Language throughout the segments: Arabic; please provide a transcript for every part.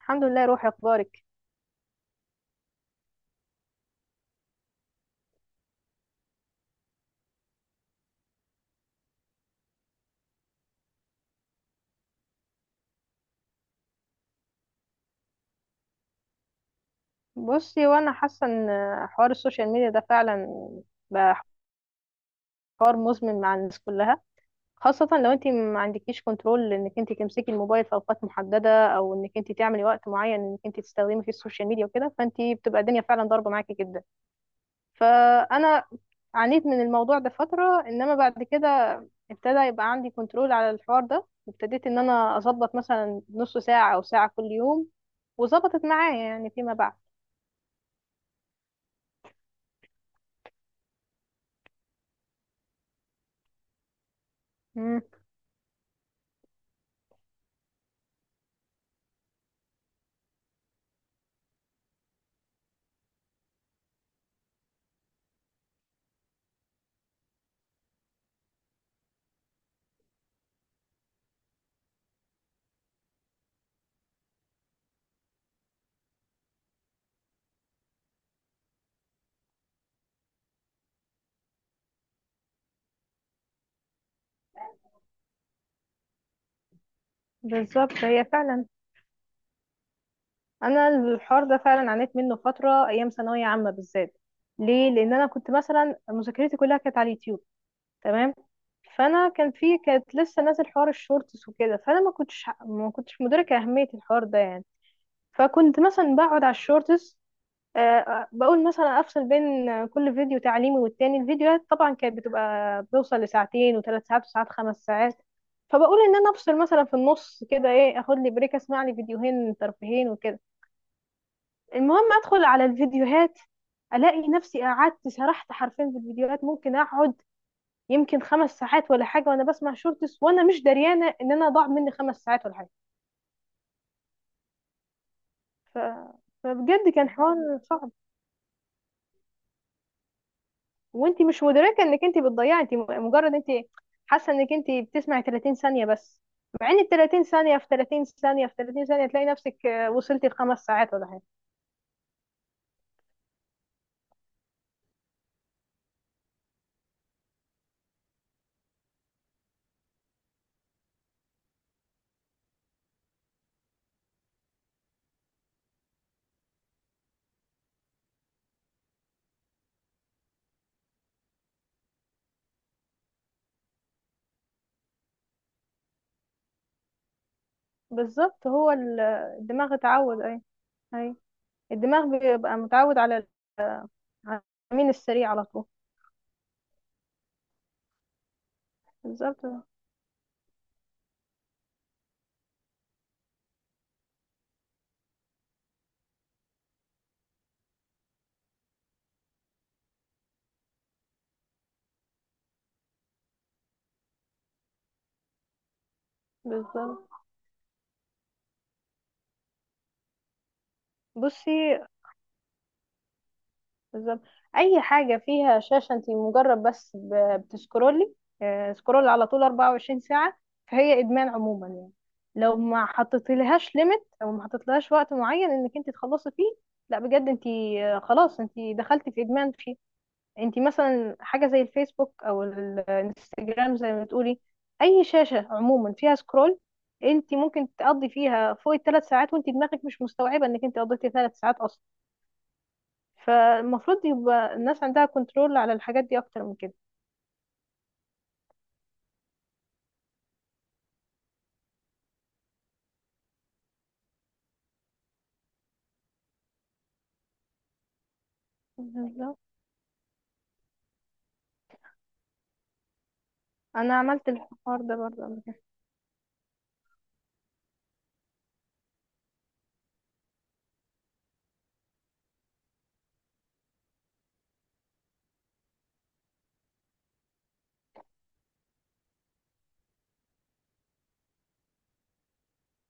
الحمد لله. روحي اخبارك. بصي وانا حاسه ان حوار السوشيال ميديا ده فعلا بقى حوار مزمن مع الناس كلها، خاصه لو انت ما عندكيش كنترول انك انت تمسكي الموبايل في اوقات محدده، او انك انت تعملي وقت معين انك انت تستخدمي فيه السوشيال ميديا وكده، فانت بتبقى الدنيا فعلا ضاربه معاكي جدا. فانا عانيت من الموضوع ده فتره، انما بعد كده ابتدى يبقى عندي كنترول على الحوار ده، ابتديت ان انا اظبط مثلا نص ساعه او ساعه كل يوم، وظبطت معايا يعني فيما بعد. بالظبط، هي فعلا. انا الحوار ده فعلا عانيت منه فتره ايام ثانويه عامه بالذات. ليه؟ لان انا كنت مثلا مذاكرتي كلها كانت على اليوتيوب، تمام؟ فانا كانت لسه نازل حوار الشورتس وكده، فانا ما كنتش مدركه اهميه الحوار ده يعني. فكنت مثلا بقعد على الشورتس، بقول مثلا افصل بين كل فيديو تعليمي والتاني. الفيديوهات طبعا كانت بتبقى بتوصل لساعتين وثلاث ساعات، وساعات 5 ساعات. فبقول ان انا افصل مثلا في النص كده، ايه، اخد لي بريك، اسمع لي فيديوهين ترفيهين وكده. المهم ادخل على الفيديوهات، الاقي نفسي قعدت سرحت حرفيا في الفيديوهات. ممكن اقعد يمكن 5 ساعات ولا حاجه وانا بسمع شورتس وانا مش دريانه ان انا ضاع مني 5 ساعات ولا حاجه. ف... فبجد كان حوار صعب. وانت مش مدركه انك انت بتضيعي، انت مجرد انت حاسه انك انت بتسمعي 30 ثانيه بس، مع ان ال 30 ثانيه في 30 ثانيه في 30 ثانيه تلاقي نفسك وصلتي لـ5 ساعات ولا حاجه. بالظبط. الدماغ اتعود. اي الدماغ بيبقى متعود على الامين السريع على طول. بالظبط. بالظبط بصي بالظبط اي حاجه فيها شاشه، انت مجرد بس بتسكرولي، سكرول على طول 24 ساعه. فهي ادمان عموما يعني. لو ما حطيتلهاش ليميت او ما حطيتلهاش وقت معين انك انت تخلصي فيه، لا بجد انت خلاص انت دخلتي في ادمان فيه. انت مثلا حاجه زي الفيسبوك، او الانستجرام زي ما بتقولي، اي شاشه عموما فيها سكرول، انت ممكن تقضي فيها فوق الـ3 ساعات وانت دماغك مش مستوعبه انك انت قضيتي 3 ساعات. فالمفروض يبقى الناس عندها كنترول على الحاجات دي اكتر من كده. بالظبط. انا عملت الحوار ده برضه قبل كده.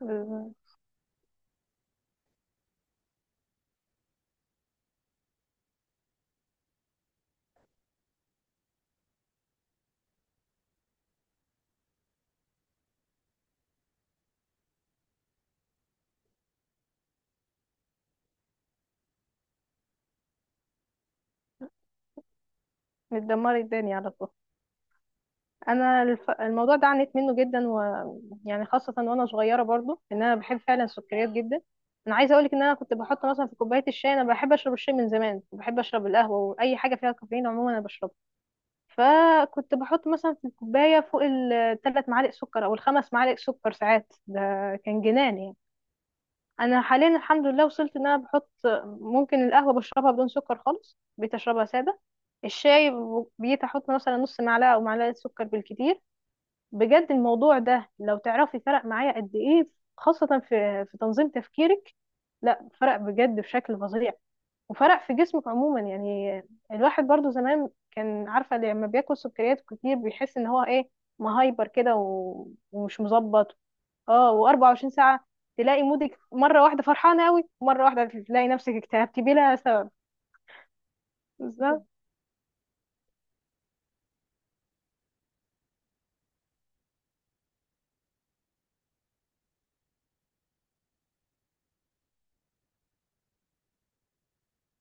بالظبط. متدمر الدنيا على طول. الموضوع ده عانيت منه جدا، و، يعني، خاصه وانا صغيره برضه، ان انا بحب فعلا السكريات جدا. انا عايزه اقول لك ان انا كنت بحط مثلا في كوبايه الشاي، انا بحب اشرب الشاي من زمان وبحب اشرب القهوه واي حاجه فيها كافيين عموما انا بشربها. فكنت بحط مثلا في الكوبايه فوق الـ3 معالق سكر او الـ5 معالق سكر، ساعات ده كان جنان يعني. انا حاليا الحمد لله وصلت ان انا بحط، ممكن القهوه بشربها بدون سكر خالص، بقيت اشربها ساده. الشاي بقيت احط مثلا نص معلقه او معلقه سكر بالكتير. بجد الموضوع ده لو تعرفي فرق معايا قد ايه، خاصه في تنظيم تفكيرك. لا فرق بجد بشكل فظيع، وفرق في جسمك عموما يعني. الواحد برضو زمان كان عارفه لما بياكل سكريات كتير بيحس ان هو ايه، مهايبر كده ومش مظبط. اه، و24 ساعة تلاقي مودك مرة واحدة فرحانة قوي ومرة واحدة تلاقي نفسك اكتئبتي بلا سبب. بالظبط،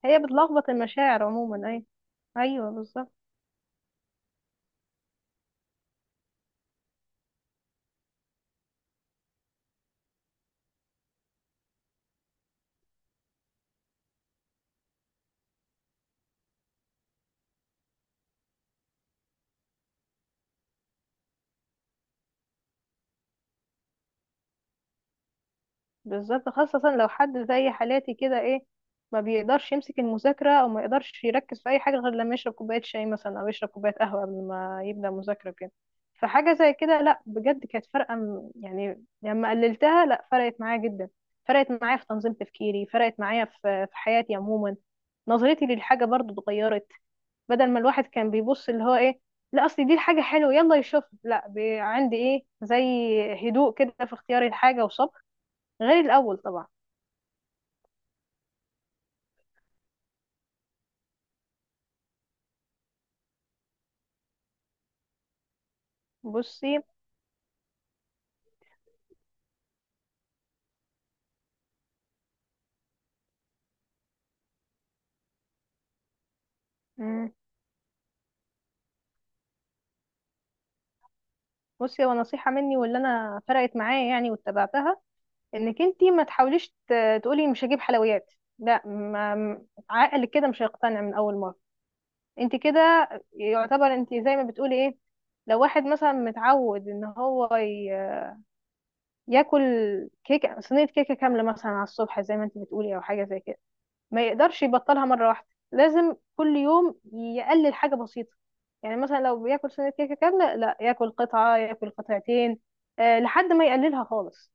هي بتلخبط المشاعر عموما. اي، ايوه، بالظبط. بالظبط، خاصة لو حد زي حالاتي كده، ايه، ما بيقدرش يمسك المذاكرة او ما يقدرش يركز في اي حاجة غير لما يشرب كوباية شاي مثلا، او يشرب كوباية قهوة قبل ما يبدأ مذاكرة كده. فحاجة زي كده، لا بجد كانت فارقة. يعني لما قللتها، لا فرقت معايا جدا. فرقت معايا في تنظيم تفكيري، فرقت معايا في حياتي عموما. نظرتي للحاجة برضو اتغيرت. بدل ما الواحد كان بيبص اللي هو ايه، لا اصل دي الحاجة حلوة يلا يشوف، لا عندي ايه، زي هدوء كده في اختياري الحاجة، وصبر، غير الاول طبعا. بصي، مم، بصي، هو نصيحة مني واللي انا فرقت معايا يعني واتبعتها: انك انتي ما تحاوليش تقولي مش هجيب حلويات، لا، ما عقلك كده مش هيقتنع من اول مرة. انتي كده يعتبر انتي زي ما بتقولي، ايه، لو واحد مثلا متعود ان هو ياكل كيكة صينية، كيكة كاملة مثلا على الصبح زي ما انتي بتقولي، او حاجة زي كده، ما يقدرش يبطلها مرة واحدة. لازم كل يوم يقلل حاجة بسيطة. يعني مثلا لو بياكل سنة كيكة كاملة، لا ياكل قطعة، ياكل 2 قطع، لحد ما يقللها خالص.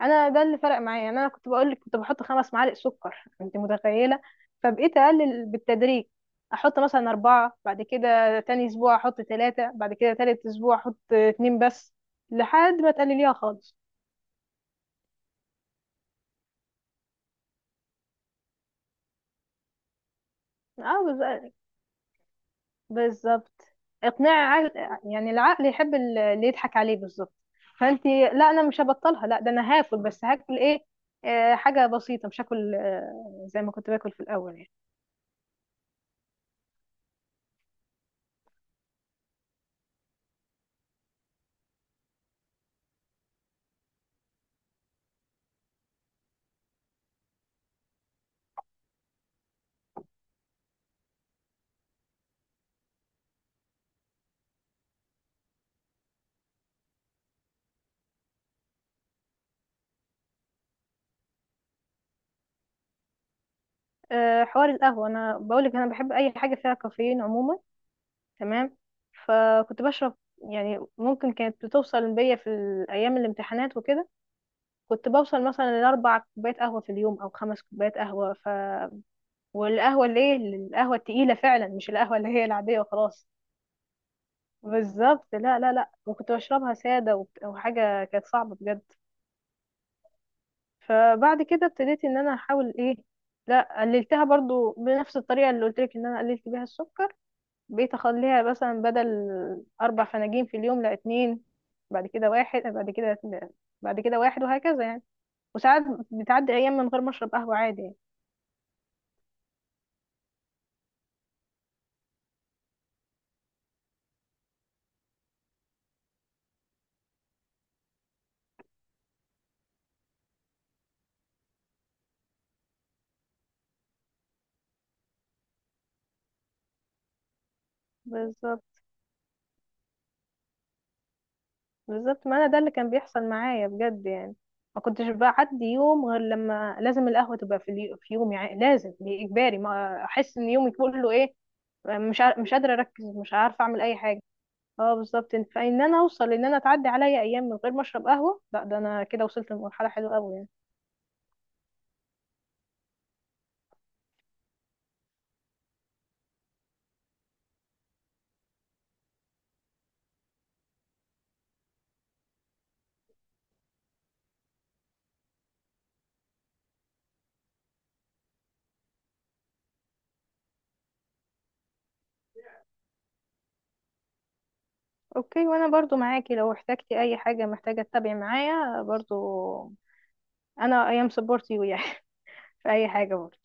انا ده اللي فرق معايا يعني. انا كنت بقول لك كنت بحط 5 معالق سكر، انت متخيلة؟ فبقيت اقلل بالتدريج، احط مثلا 4، بعد كده تاني اسبوع احط 3، بعد كده تالت اسبوع احط 2 بس، لحد ما تقلليها خالص. اه، بالظبط، اقناع عقل. يعني العقل يحب اللي يضحك عليه بالظبط. فانت لا، انا مش هبطلها، لا ده انا هاكل، بس هاكل ايه؟ حاجه بسيطه، مش هاكل زي ما كنت باكل في الاول يعني. حوار القهوه انا بقولك، انا بحب اي حاجه فيها كافيين عموما، تمام؟ فكنت بشرب، يعني ممكن كانت بتوصل بيا في الايام الامتحانات وكده، كنت بوصل مثلا لـ4 كوبايات قهوه في اليوم او 5 كوبايات قهوه، ف والقهوه اللي هي القهوه التقيله فعلا، مش القهوه اللي هي العاديه وخلاص. بالظبط، لا لا لا. وكنت بشربها سادة، وحاجة كانت صعبة بجد. فبعد كده ابتديت ان انا احاول، ايه، لا قللتها برضو بنفس الطريقة اللي قلت لك ان انا قللت بيها السكر. بقيت اخليها مثلا بدل 4 فناجين في اليوم، لا اتنين، بعد كده واحد، بعد كده اتنين، بعد كده واحد، وهكذا يعني. وساعات بتعدي ايام من غير ما اشرب قهوة عادي يعني. بالظبط. بالظبط، ما انا ده اللي كان بيحصل معايا بجد يعني. ما كنتش بعدي يوم غير لما لازم القهوه تبقى في يومي، يعني لازم، دي اجباري، ما احس ان يومي كله ايه، مش قادره اركز، مش عارفه اعمل اي حاجه. اه، بالظبط. فان انا اوصل ان انا تعدي عليا ايام من غير ما اشرب قهوه، لا ده انا كده وصلت لمرحله حلوه قوي يعني. اوكي، وانا برضو معاكي لو احتجتي اي حاجه، محتاجه تتابعي معايا برضو. انا ايام سبورت يو يعني في اي حاجه برضو.